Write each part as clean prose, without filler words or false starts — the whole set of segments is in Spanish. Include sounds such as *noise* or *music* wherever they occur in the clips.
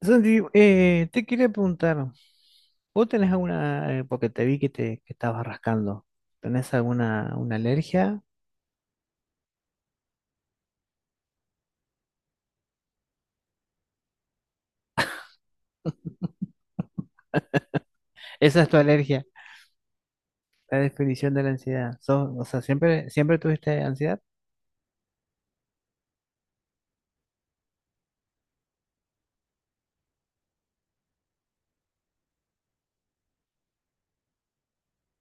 Santi, te quería preguntar, ¿vos tenés alguna, porque te vi que te que estabas rascando? ¿Tenés alguna una alergia? Esa es tu alergia, la definición de la ansiedad. O sea, siempre, siempre tuviste ansiedad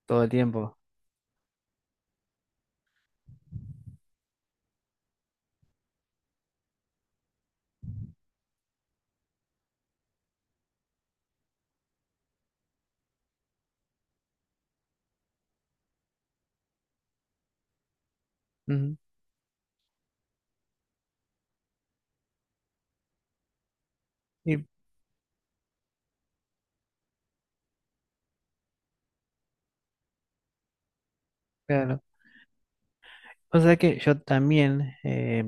todo el tiempo. Ujú. Y claro, o sea que yo también,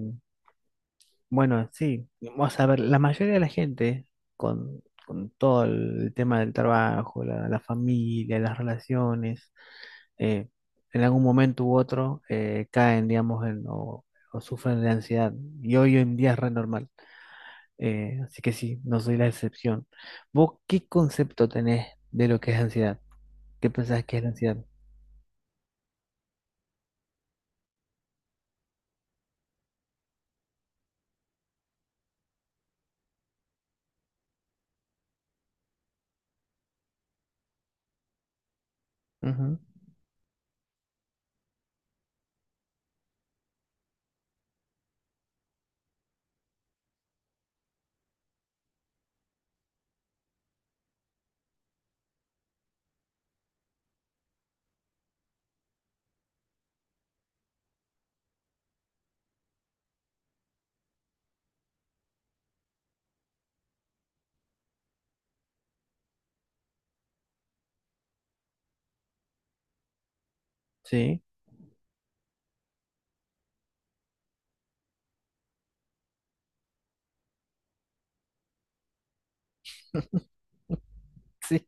bueno, sí, vamos a ver, la mayoría de la gente con todo el tema del trabajo, la familia, las relaciones. eh, en algún momento u otro caen, digamos, o sufren de ansiedad. Y hoy en día es re normal. Así que sí, no soy la excepción. ¿Vos qué concepto tenés de lo que es ansiedad? ¿Qué pensás que es la ansiedad? Ujú. Sí, *laughs* sí,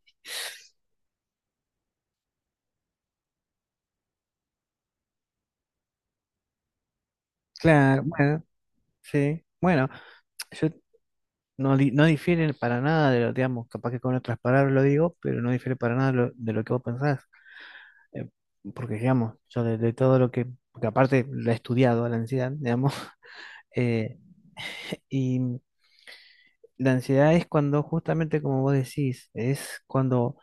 claro, bueno, sí. Bueno, yo no, no difiere para nada de lo, digamos, capaz que con otras palabras lo digo, pero no difiere para nada de lo que vos pensás. Eh, Porque, digamos, yo de todo lo que, porque aparte la he estudiado, la ansiedad, digamos. *laughs* Eh, *laughs* y la ansiedad es cuando, justamente como vos decís, es cuando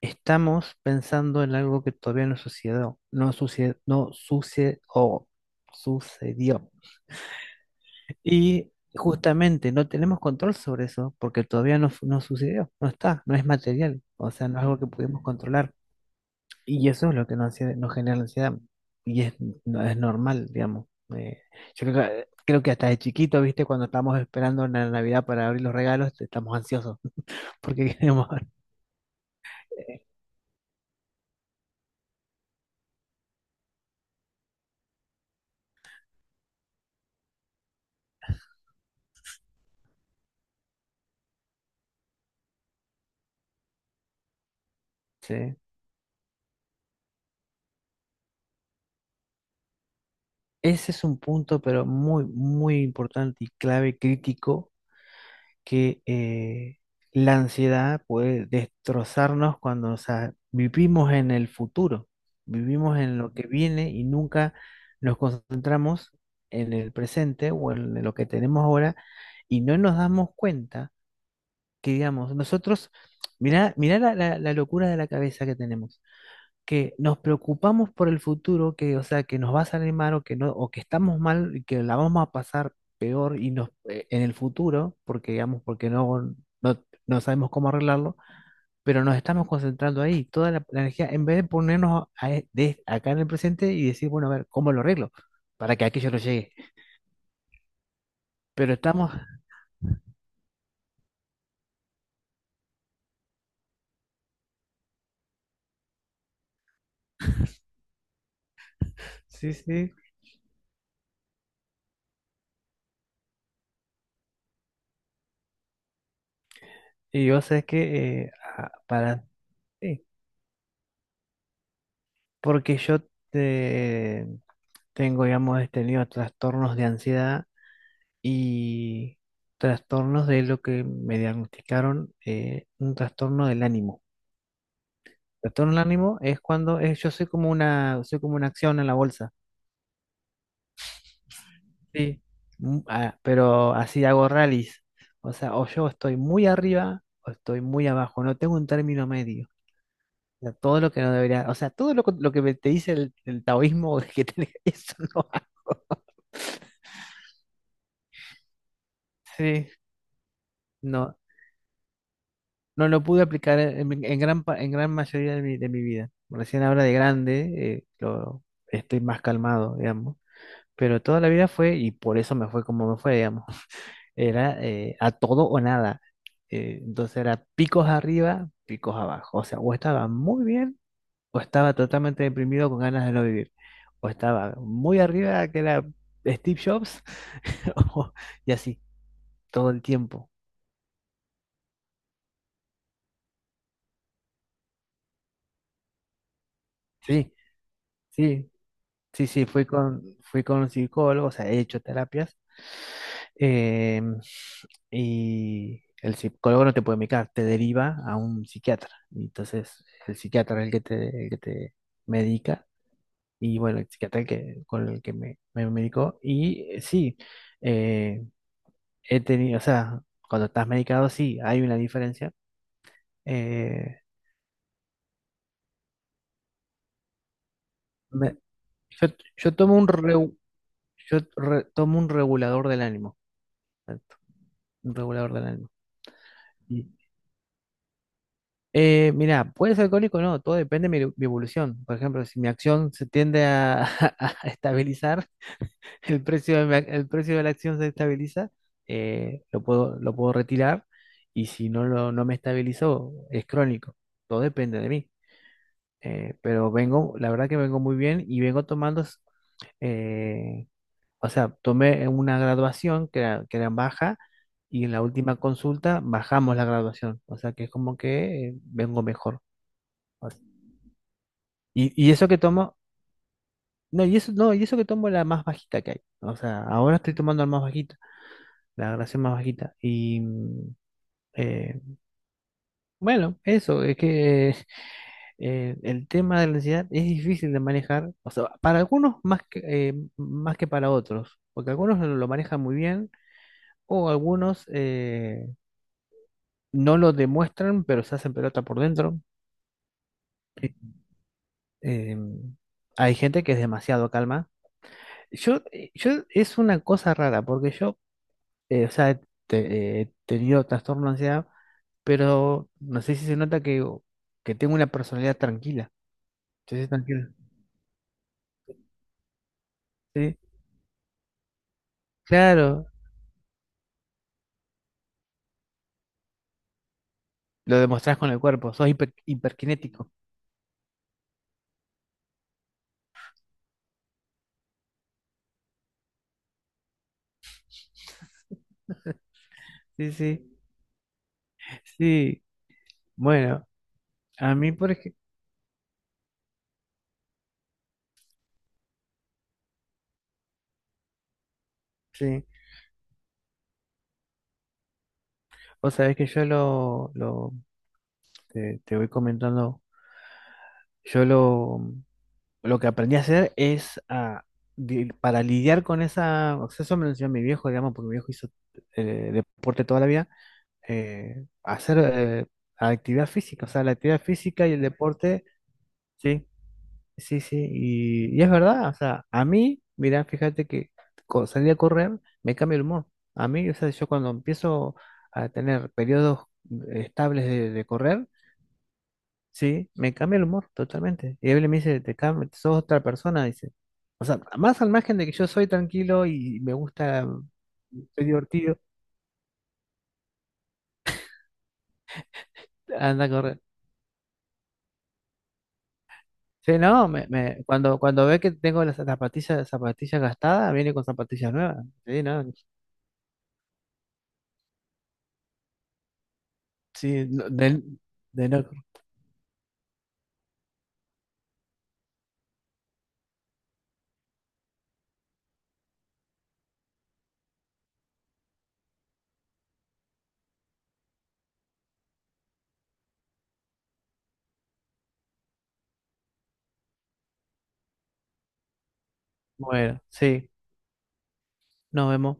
estamos pensando en algo que todavía no sucedió, no sucedió, no sucedió, sucedió. Y justamente no tenemos control sobre eso porque todavía no, no sucedió, no está, no es material, o sea, no es algo que pudimos controlar. Y eso es lo que nos, nos genera la ansiedad. Y es, no, es normal, digamos. Eh, yo creo que, hasta de chiquito, ¿viste? Cuando estamos esperando la Navidad para abrir los regalos, estamos ansiosos *laughs* porque queremos abrir. Sí. Ese es un punto, pero muy, muy importante y clave, crítico, que la ansiedad puede destrozarnos cuando, o sea, vivimos en el futuro, vivimos en lo que viene y nunca nos concentramos en el presente o en lo que tenemos ahora y no nos damos cuenta que, digamos, nosotros, mirá, mirá la locura de la cabeza que tenemos, que nos preocupamos por el futuro, que, o sea, que nos va a salir mal o que no, o que estamos mal y que la vamos a pasar peor y nos, en el futuro, porque digamos, porque no sabemos cómo arreglarlo, pero nos estamos concentrando ahí, toda la energía, en vez de ponernos acá en el presente y decir, bueno, a ver, ¿cómo lo arreglo? Para que aquello no llegue. Pero estamos, *laughs* sí, sí, y yo sé que, para, sí, porque yo te, tengo, digamos, he tenido trastornos de ansiedad y trastornos de lo que me diagnosticaron, un trastorno del ánimo. Trastorno del ánimo es cuando yo soy como una acción en la bolsa, sí. Ah, pero así hago rallies. O sea, o yo estoy muy arriba o estoy muy abajo, no tengo un término medio. O sea, todo lo que no debería, o sea, todo lo que te dice el taoísmo *laughs* que tenés, eso no. Sí, *laughs* no. No lo pude aplicar en, en gran mayoría de mi, vida. Recién ahora de grande, estoy más calmado, digamos. Pero toda la vida fue, y por eso me fue como me fue, digamos. *laughs* Era a todo o nada. Entonces era picos arriba, picos abajo. O sea, o estaba muy bien, o estaba totalmente deprimido con ganas de no vivir. O estaba muy arriba, que era Steve Jobs, *laughs* o- y así, todo el tiempo. Sí, sí. Sí, sí, fui con un psicólogo, o sea, he hecho terapias, em, y el psicólogo no te puede medicar, te deriva a un psiquiatra. Y entonces, el psiquiatra es el que te, medica, y bueno, el psiquiatra el que, con el que me medicó. Y sí, eh, he tenido, o sea, cuando estás medicado, sí, hay una diferencia. Eh, me- yo, yo tomo un, reu- yo re- tomo un regulador del ánimo, un regulador del ánimo. Mira, puede ser alcohólico o no, todo depende de mi evolución. Por ejemplo, si mi acción se tiende a, *laughs* a estabilizar, el precio el precio de la acción se estabiliza, lo puedo retirar y si no, no me estabilizó, es crónico. Todo depende de mí. Pero vengo, la verdad que vengo muy bien y vengo tomando, eh, o sea, tomé una graduación que era baja y en la última consulta bajamos la graduación. O sea que es como que vengo mejor. Y eso que tomo, no, y eso, no, y eso que tomo la más bajita que hay. O sea, ahora estoy tomando la más bajita, la graduación más bajita. Y eh, bueno, eso, es que *laughs* el tema de la ansiedad es difícil de manejar. O sea, para algunos más que para otros. Porque algunos lo manejan muy bien, o algunos no lo demuestran, pero se hacen pelota por dentro. Eh, eh, Hay gente que es demasiado calma. Yo, yo es una cosa rara, porque yo o sea, he tenido trastorno de ansiedad, pero no sé si se nota que tengo una personalidad tranquila. Sí, sí, tranquila. Sí, claro, lo demostrás con el cuerpo, sos hiperkinético. Sí, sí, sí. Bueno, a mí, por ejemplo, sí, vos sabés que yo lo te, te voy comentando, yo lo que aprendí a hacer es para lidiar con esa, o sea, eso me lo enseñó mi viejo, digamos, porque mi viejo hizo deporte toda la vida, hacer actividad física, o sea, la actividad física y el deporte, sí, sí, sí, y es verdad, o sea, a mí, mirá, fíjate que salir a correr me cambia el humor, a mí, o sea, yo cuando empiezo a tener periodos estables de correr, sí, me cambia el humor totalmente, y él me dice, te cambia, sos otra persona, dice, o sea, más al margen de que yo soy tranquilo y me gusta, soy divertido, anda a correr. Sí, no, cuando ve que tengo las zapatillas, gastadas, viene con zapatillas nuevas. Sí, no, sí, no, de no, bueno, sí, nos vemos.